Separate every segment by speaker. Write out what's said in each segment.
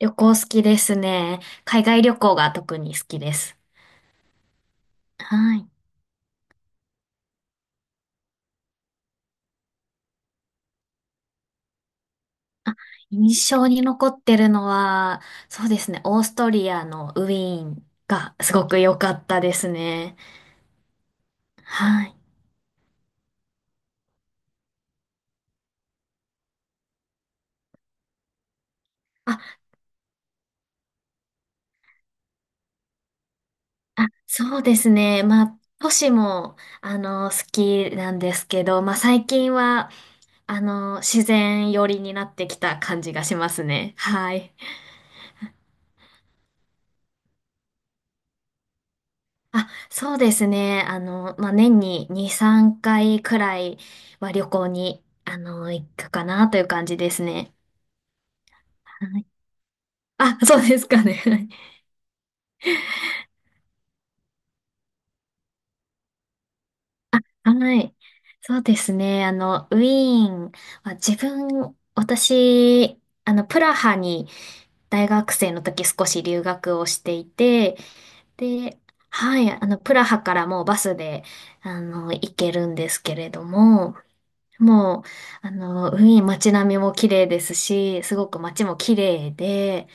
Speaker 1: 旅行好きですね。海外旅行が特に好きです。はい。印象に残ってるのは、そうですね、オーストリアのウィーンがすごく良かったですね。はい。あ、あ、そうですね。まあ、都市も、好きなんですけど、まあ、最近は、自然寄りになってきた感じがしますね。はい。あ、そうですね。まあ、年に2、3回くらいは旅行に、行くかなという感じですね。はい。あ、そうですかね。はい。はい。そうですね。ウィーンは私、プラハに大学生の時少し留学をしていて、で、はい、プラハからもうバスで、行けるんですけれども、もう、ウィーン街並みも綺麗ですし、すごく街も綺麗で、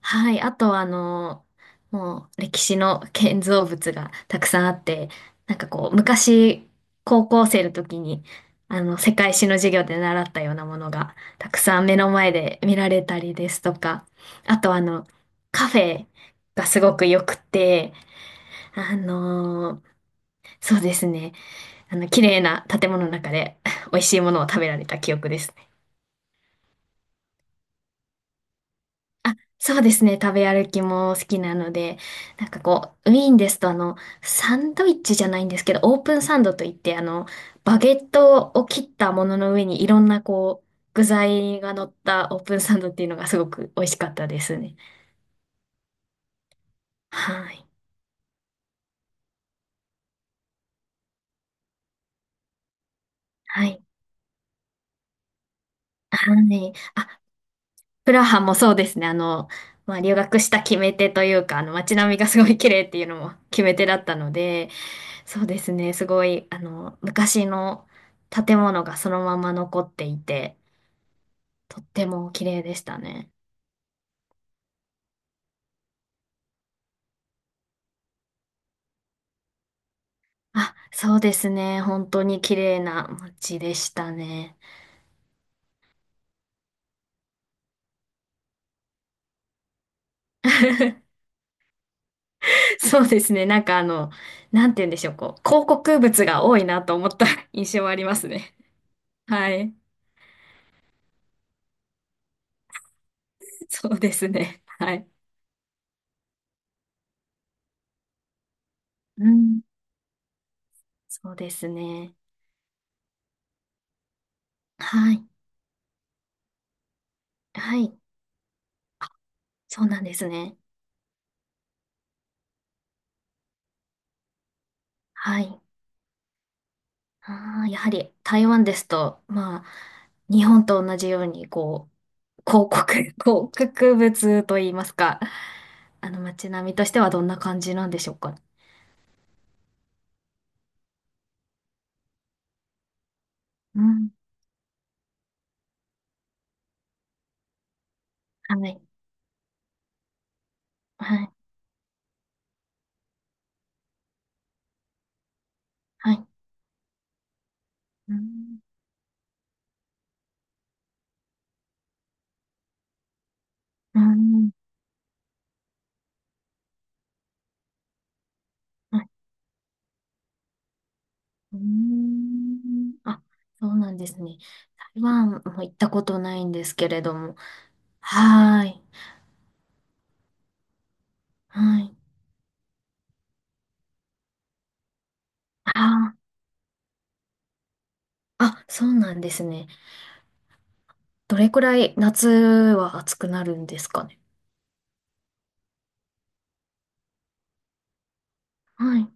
Speaker 1: はい、あとはもう歴史の建造物がたくさんあって、なんかこう、昔、高校生の時に、世界史の授業で習ったようなものが、たくさん目の前で見られたりですとか、あとカフェがすごく良くて、あの、そうですね、綺麗な建物の中で、美味しいものを食べられた記憶です。あ、そうですね。食べ歩きも好きなので、なんかこう、ウィーンですとサンドイッチじゃないんですけど、オープンサンドといって、バゲットを切ったものの上にいろんなこう、具材が乗ったオープンサンドっていうのがすごく美味しかったですね。はい。はい。はい。あ、プラハもそうですね。まあ、留学した決め手というか、街並みがすごい綺麗っていうのも決め手だったので、そうですね。すごい、昔の建物がそのまま残っていて、とっても綺麗でしたね。あ、そうですね。本当に綺麗な街でしたね。そうですね。なんかなんて言うんでしょう。こう、広告物が多いなと思った 印象はありますね。はい。そうですね。はい。うん。そうですね。はい。はい。そうなんですね。はい。ああ、やはり台湾ですと、まあ、日本と同じように、こう、広告物といいますか、あの街並みとしてはどんな感じなんでしょうか。うん、はい、はい、はい。うん、うん、はい。うん、あ、そうなんですね。台湾も行ったことないんですけれども。はーい、はい。あー、あ、そうなんですね。どれくらい夏は暑くなるんですかね。はい。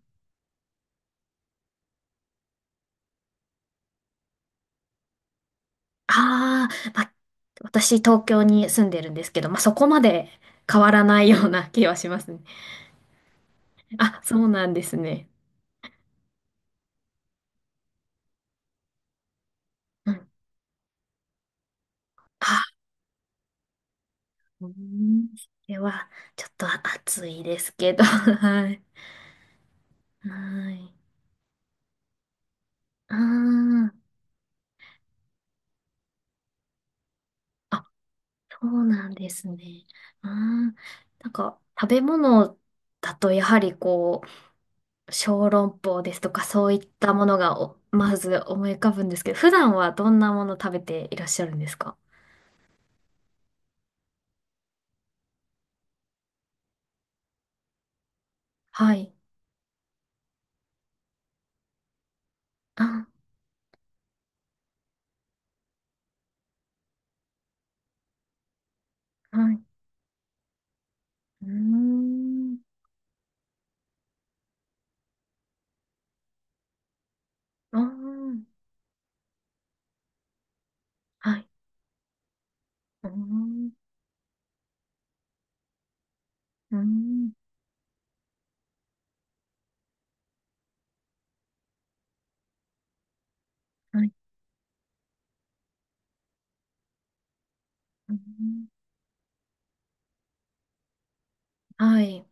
Speaker 1: ああ、まあ、私東京に住んでるんですけど、まあ、そこまで変わらないような 気はしますね。あ、そうなんですね。うん。あ、うん。それは、ちょっと暑いですけど、はい。はい。ああ、あ、そうなんですね。ああ、なんか、食べ物だとやはりこう、小籠包ですとかそういったものがおまず思い浮かぶんですけど、普段はどんなもの食べていらっしゃるんですか？はい。あ、はい。うーん。あー、はい。うーん。うーん。はい。うーん。はい。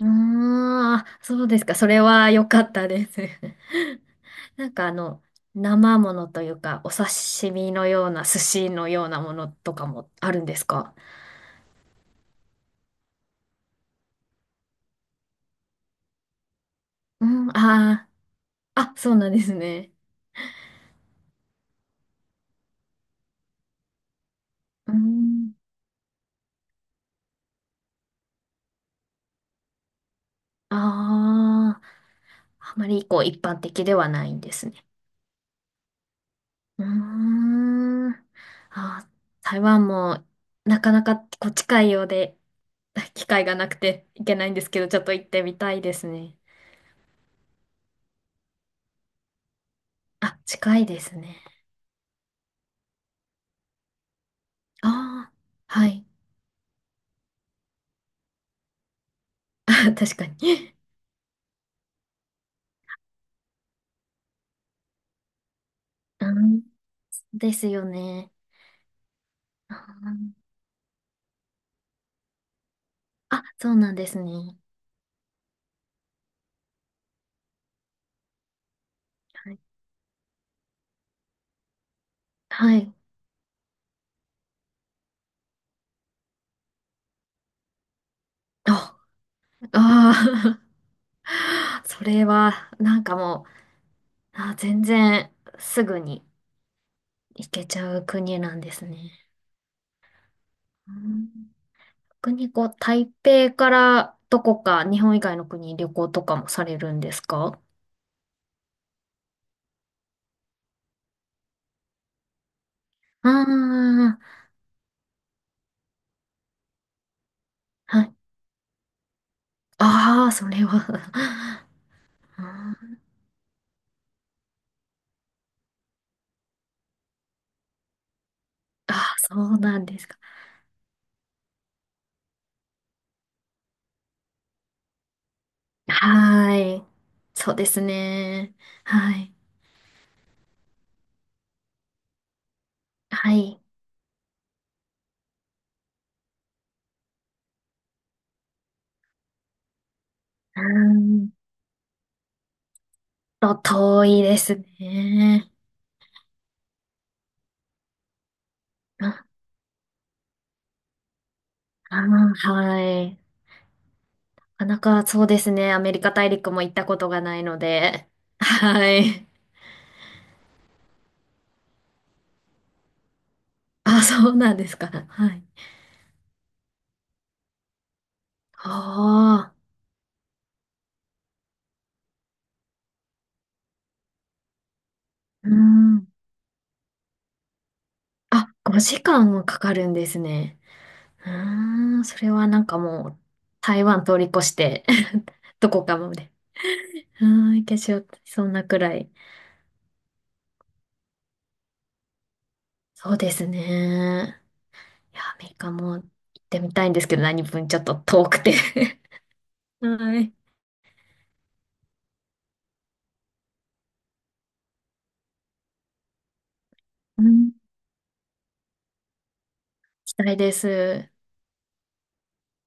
Speaker 1: ああ、そうですか。それは良かったです。なんか生ものというか、お刺身のような、寿司のようなものとかもあるんですか？うん、ああ、あ、そうなんですね。うん。ああ、あまりこう一般的ではないんですね。うーん。あ、台湾もなかなかこう近いようで、機会がなくて行けないんですけど、ちょっと行ってみたいですね。あ、近いですね。ああ、はい。あ、確かに。うん、ですよね。あー、あ、そうなんですね。はい。はい。あ、あー それは、なんかもう、あ、全然すぐに行けちゃう国なんですね。うん。逆にこう、台北からどこか日本以外の国に旅行とかもされるんですか？ああ、はい。ああ、それは うん。ああ、そうなんですか。はーい。そうですね。はい。はい。うーんと、遠いですね。ああー、はい。なかなかそうですね。アメリカ大陸も行ったことがないので。はい。あ、そうなんですか。はい。ああ、うーん。あ、5時間もかかるんですね。うーん、それはなんかもう、台湾通り越して どこかまで。うーん、行けしよう、そんなくらい。そうですね。いや、アメリカも行ってみたいんですけど、何分ちょっと遠くて はい。うん、行きたいです。